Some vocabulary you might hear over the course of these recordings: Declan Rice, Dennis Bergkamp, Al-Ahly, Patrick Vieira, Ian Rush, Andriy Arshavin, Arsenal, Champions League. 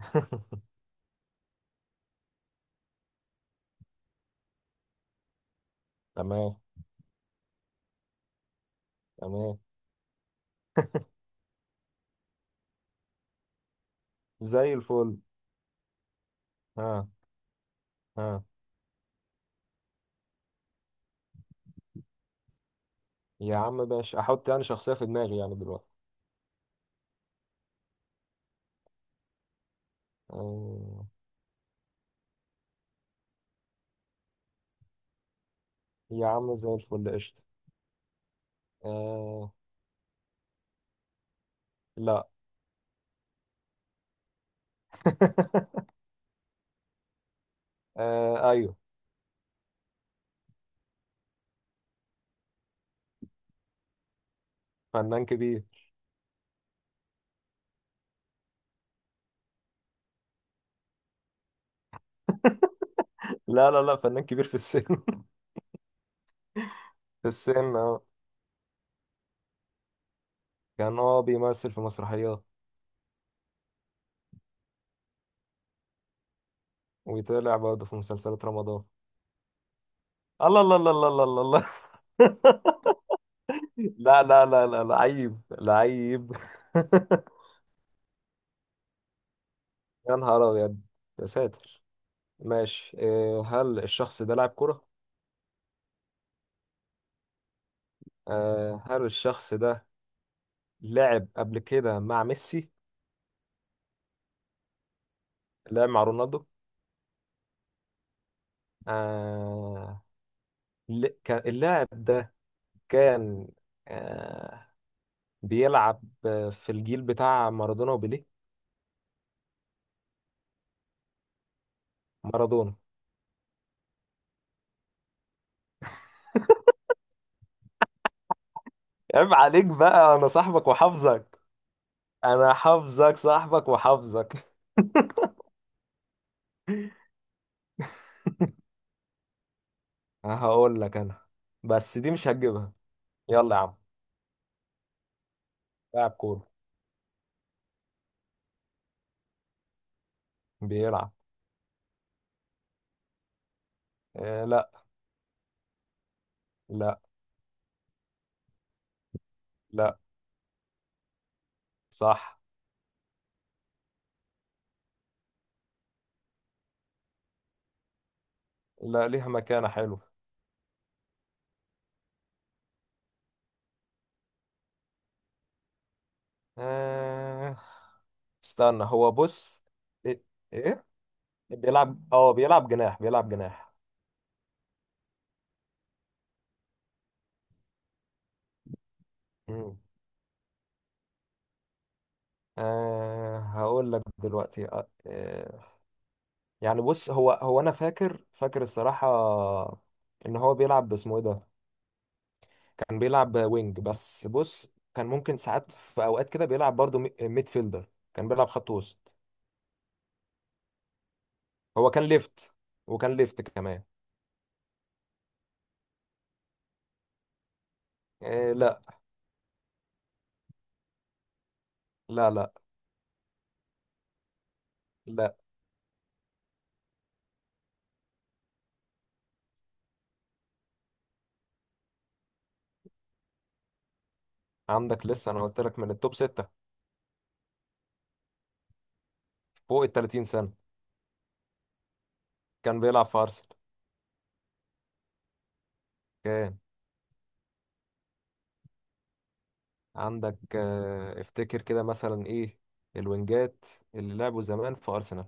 تمام، تمام. زي الفل. ها، ها. يا عم ماشي، احط يعني شخصية في دماغي يعني دلوقتي. آه. يا عم زي الفل، قشطة. آه، لا. آه، ايوه، فنان كبير. لا، لا، لا، فنان كبير في السن. في السن، اه. كان هو بيمثل في مسرحيات، ويطلع برضه في مسلسلات رمضان. الله، الله، الله، الله، الله، الله، الله. لا، لا، لا، لا، لعيب، لعيب. يا نهار ابيض. يا ساتر. ماشي. هل الشخص ده لاعب كرة؟ هل الشخص ده لعب قبل كده مع ميسي؟ لعب مع رونالدو؟ آه، اللاعب ده كان، آه، بيلعب في الجيل بتاع مارادونا وبيليه؟ مارادونا. عيب عليك بقى، أنا صاحبك وحافظك. أنا حافظك، صاحبك وحافظك. هقول لك أنا، بس دي مش هتجيبها. يلا يا عم. لاعب كورة. بيلعب. لا. لا. لا. صح. لا، ليها مكانة حلوة. آه... استنى، هو بص. ايه. إيه؟ بيلعب جناح، بيلعب جناح. مم. هقول لك دلوقتي. يعني بص، هو انا فاكر، فاكر الصراحة ان هو بيلعب باسمه ايه ده. كان بيلعب وينج، بس بص كان ممكن ساعات في اوقات كده بيلعب برضو ميد فيلدر. كان بيلعب خط وسط. هو كان ليفت، وكان ليفت كمان. آه. لا. لا، لا. لا. عندك لسه، انا قلت لك من التوب ستة. فوق ال 30 سنة كان بيلعب في أرسنال. كان. عندك، افتكر كده مثلا ايه، الوينجات اللي لعبوا زمان في أرسنال.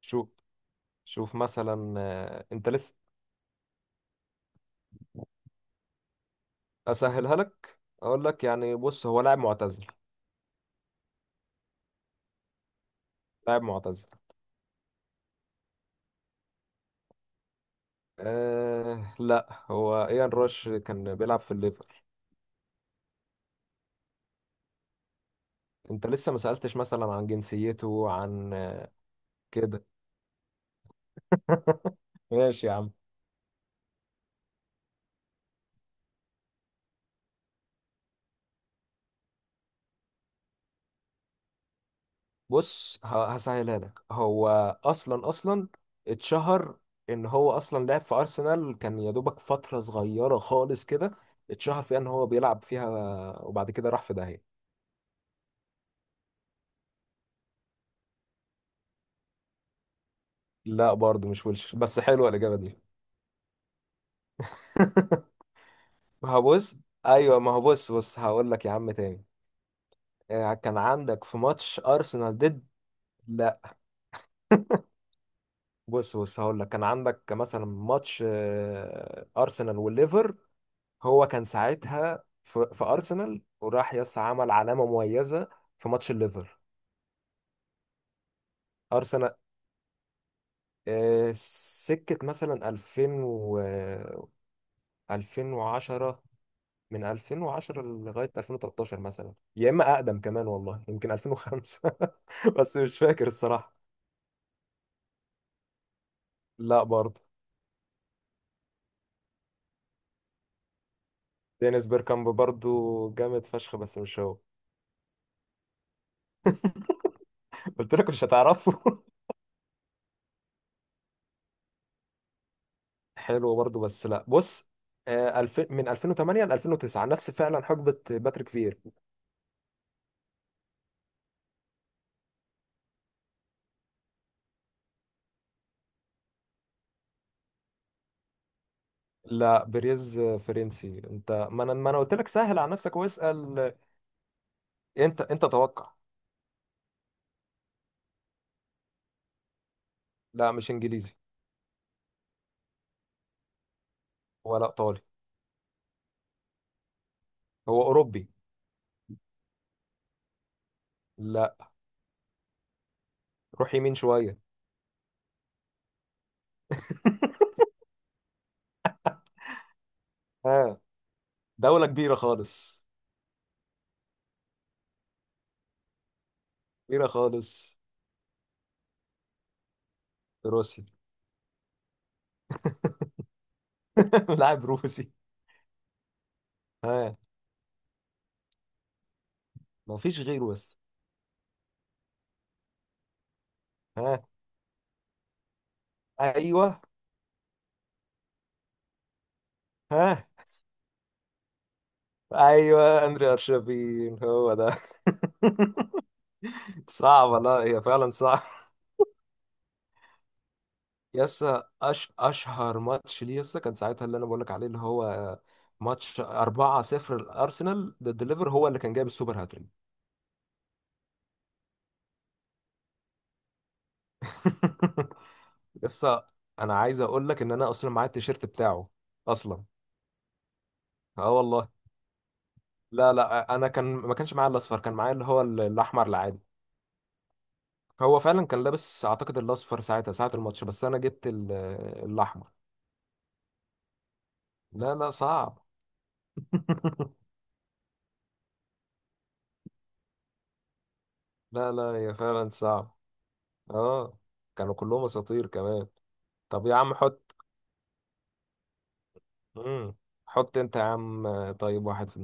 شوف. شوف مثلا، انت لسه. اسهلها لك، اقول لك يعني بص، هو لاعب معتزل. لاعب معتزل. لا، هو ايان روش كان بيلعب في الليفر. انت لسه ما سألتش مثلا عن جنسيته، عن كده. ماشي يا عم. بص، هسهلها لك. هو اصلا، اصلا اتشهر ان هو اصلا لعب في ارسنال، كان يا دوبك فتره صغيره خالص كده. اتشهر فيها ان هو بيلعب فيها، وبعد كده راح في داهيه. لا برضه مش ويلش، بس حلوه الاجابه دي. ما هو بص. ايوه، ما هو بص، بص هقول لك يا عم تاني. كان عندك في ماتش ارسنال ضد. لا. بص، بص هقول لك، كان عندك مثلا ماتش، ارسنال والليفر. هو كان ساعتها في ارسنال، وراح يس عمل علامه مميزه في ماتش الليفر. ارسنال. سكه مثلا 2000 و 2010. من 2010 لغايه 2013 مثلا، يا اما اقدم كمان والله يمكن 2005. بس مش فاكر الصراحه. لا برضه. دينيس بيركامب برضه جامد فشخ، بس مش هو. قلت لك مش هتعرفه. حلو برضه، بس لا، بص. 2000، من 2008 ل 2009، نفس فعلا حقبه باتريك فيرا. لا، بريز فرنسي. انت، ما انا قلت لك سهل على نفسك واسال. انت توقع. لا، مش انجليزي. ولا ايطالي. هو اوروبي. لا. روح يمين شويه. ها. دوله كبيره خالص. كبيره خالص. روسي. لاعب روسي. ها. ما فيش غيره بس. ها. ايوه. ها. ايوه، اندري ارشافين، هو ده. صعبه. لا، هي فعلا صعبه. يسا، اشهر ماتش ليه، يسا كان ساعتها، اللي انا بقول لك عليه، اللي هو ماتش 4-0 الارسنال ضد ليفر، هو اللي كان جايب السوبر هاتريك. لسه. انا عايز اقول لك ان انا اصلا معايا التيشيرت بتاعه اصلا. اه والله. لا، لا، انا كان ما كانش معايا الاصفر، كان معايا اللي هو الاحمر العادي. هو فعلا كان لابس اعتقد الاصفر ساعتها ساعه الماتش، بس انا جبت الاحمر. لا، لا، صعب. لا، لا، يا فعلا صعب. اه. كانوا كلهم اساطير كمان. طب يا عم حط. مم. حط انت يا عم. طيب واحد في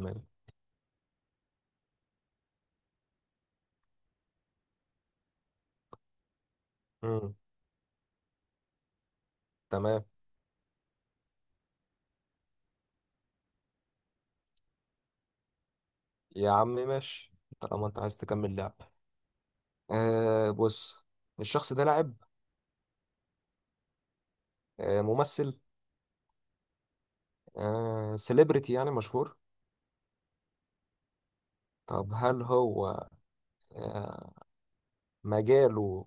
المية. تمام. يا عم ماشي. طالما انت عايز تكمل لعب، آه. بص، الشخص ده لاعب. آه، ممثل. آه، سيلبرتي يعني مشهور. طب هل هو، آه، مجاله،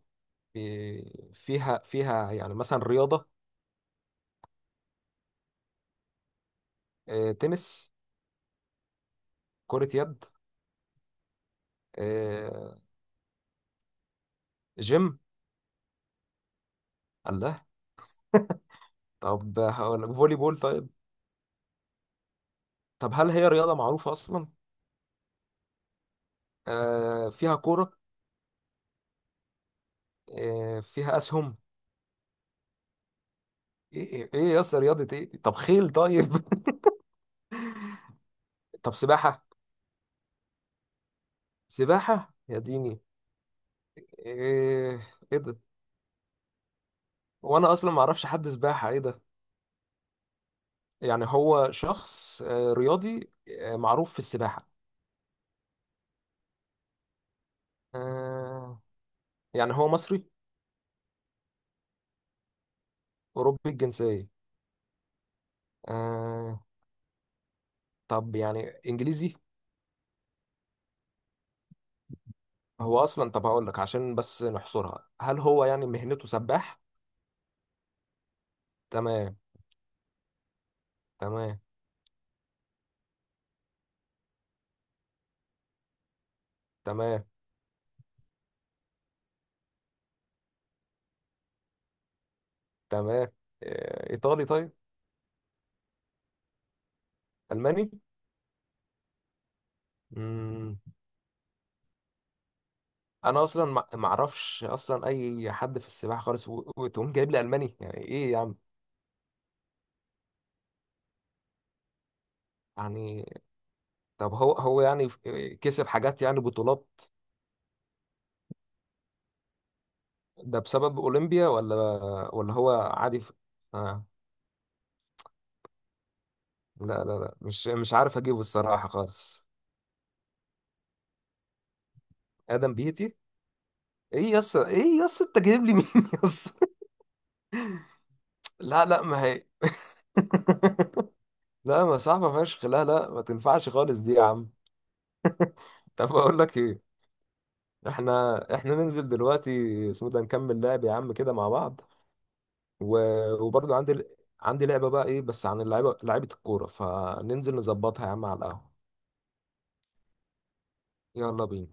فيها يعني مثلا رياضة؟ آه، تنس. كرة يد. آه، جيم. الله. طب هقول فولي بول طيب. طب هل هي رياضة معروفة أصلا؟ آه، فيها كورة. آه، فيها أسهم. ايه، ايه، إيه يا اسطى، رياضة ايه؟ طب خيل طيب. طب سباحة. سباحة يا ديني. ايه، ايه ده. وانا اصلا ما اعرفش حد سباحة، ايه ده. يعني هو شخص رياضي معروف في السباحة. آه. يعني هو مصري. اوروبي الجنسية. آه. طب يعني انجليزي. هو اصلا، طب هقول لك عشان بس نحصرها، هل هو يعني مهنته سباح؟ تمام، تمام، تمام، تمام. ايطالي طيب. الماني. مم. انا اصلا، ما اعرفش اصلا اي حد في السباحه خالص، وتقوم جايب لي الماني يعني ايه يا عم. يعني طب، هو يعني، كسب حاجات يعني بطولات. ده بسبب اولمبيا ولا، ولا هو عادي آه. لا، لا، لا، مش عارف اجيبه الصراحه خالص. ادم بيتي. ايه يس، ايه يس، انت جايب لي مين؟ يس. لا، لا، ما هي. لا، ما صعبه فشخ، لا، لا، ما تنفعش خالص دي يا عم. طب اقول لك ايه. احنا ننزل دلوقتي اسمه ده، نكمل لعب يا عم كده مع بعض. و... وبرضه عندي لعبة بقى ايه، بس عن اللعيبة، لعيبة الكورة، فننزل نظبطها يا عم على القهوة. يلا بينا.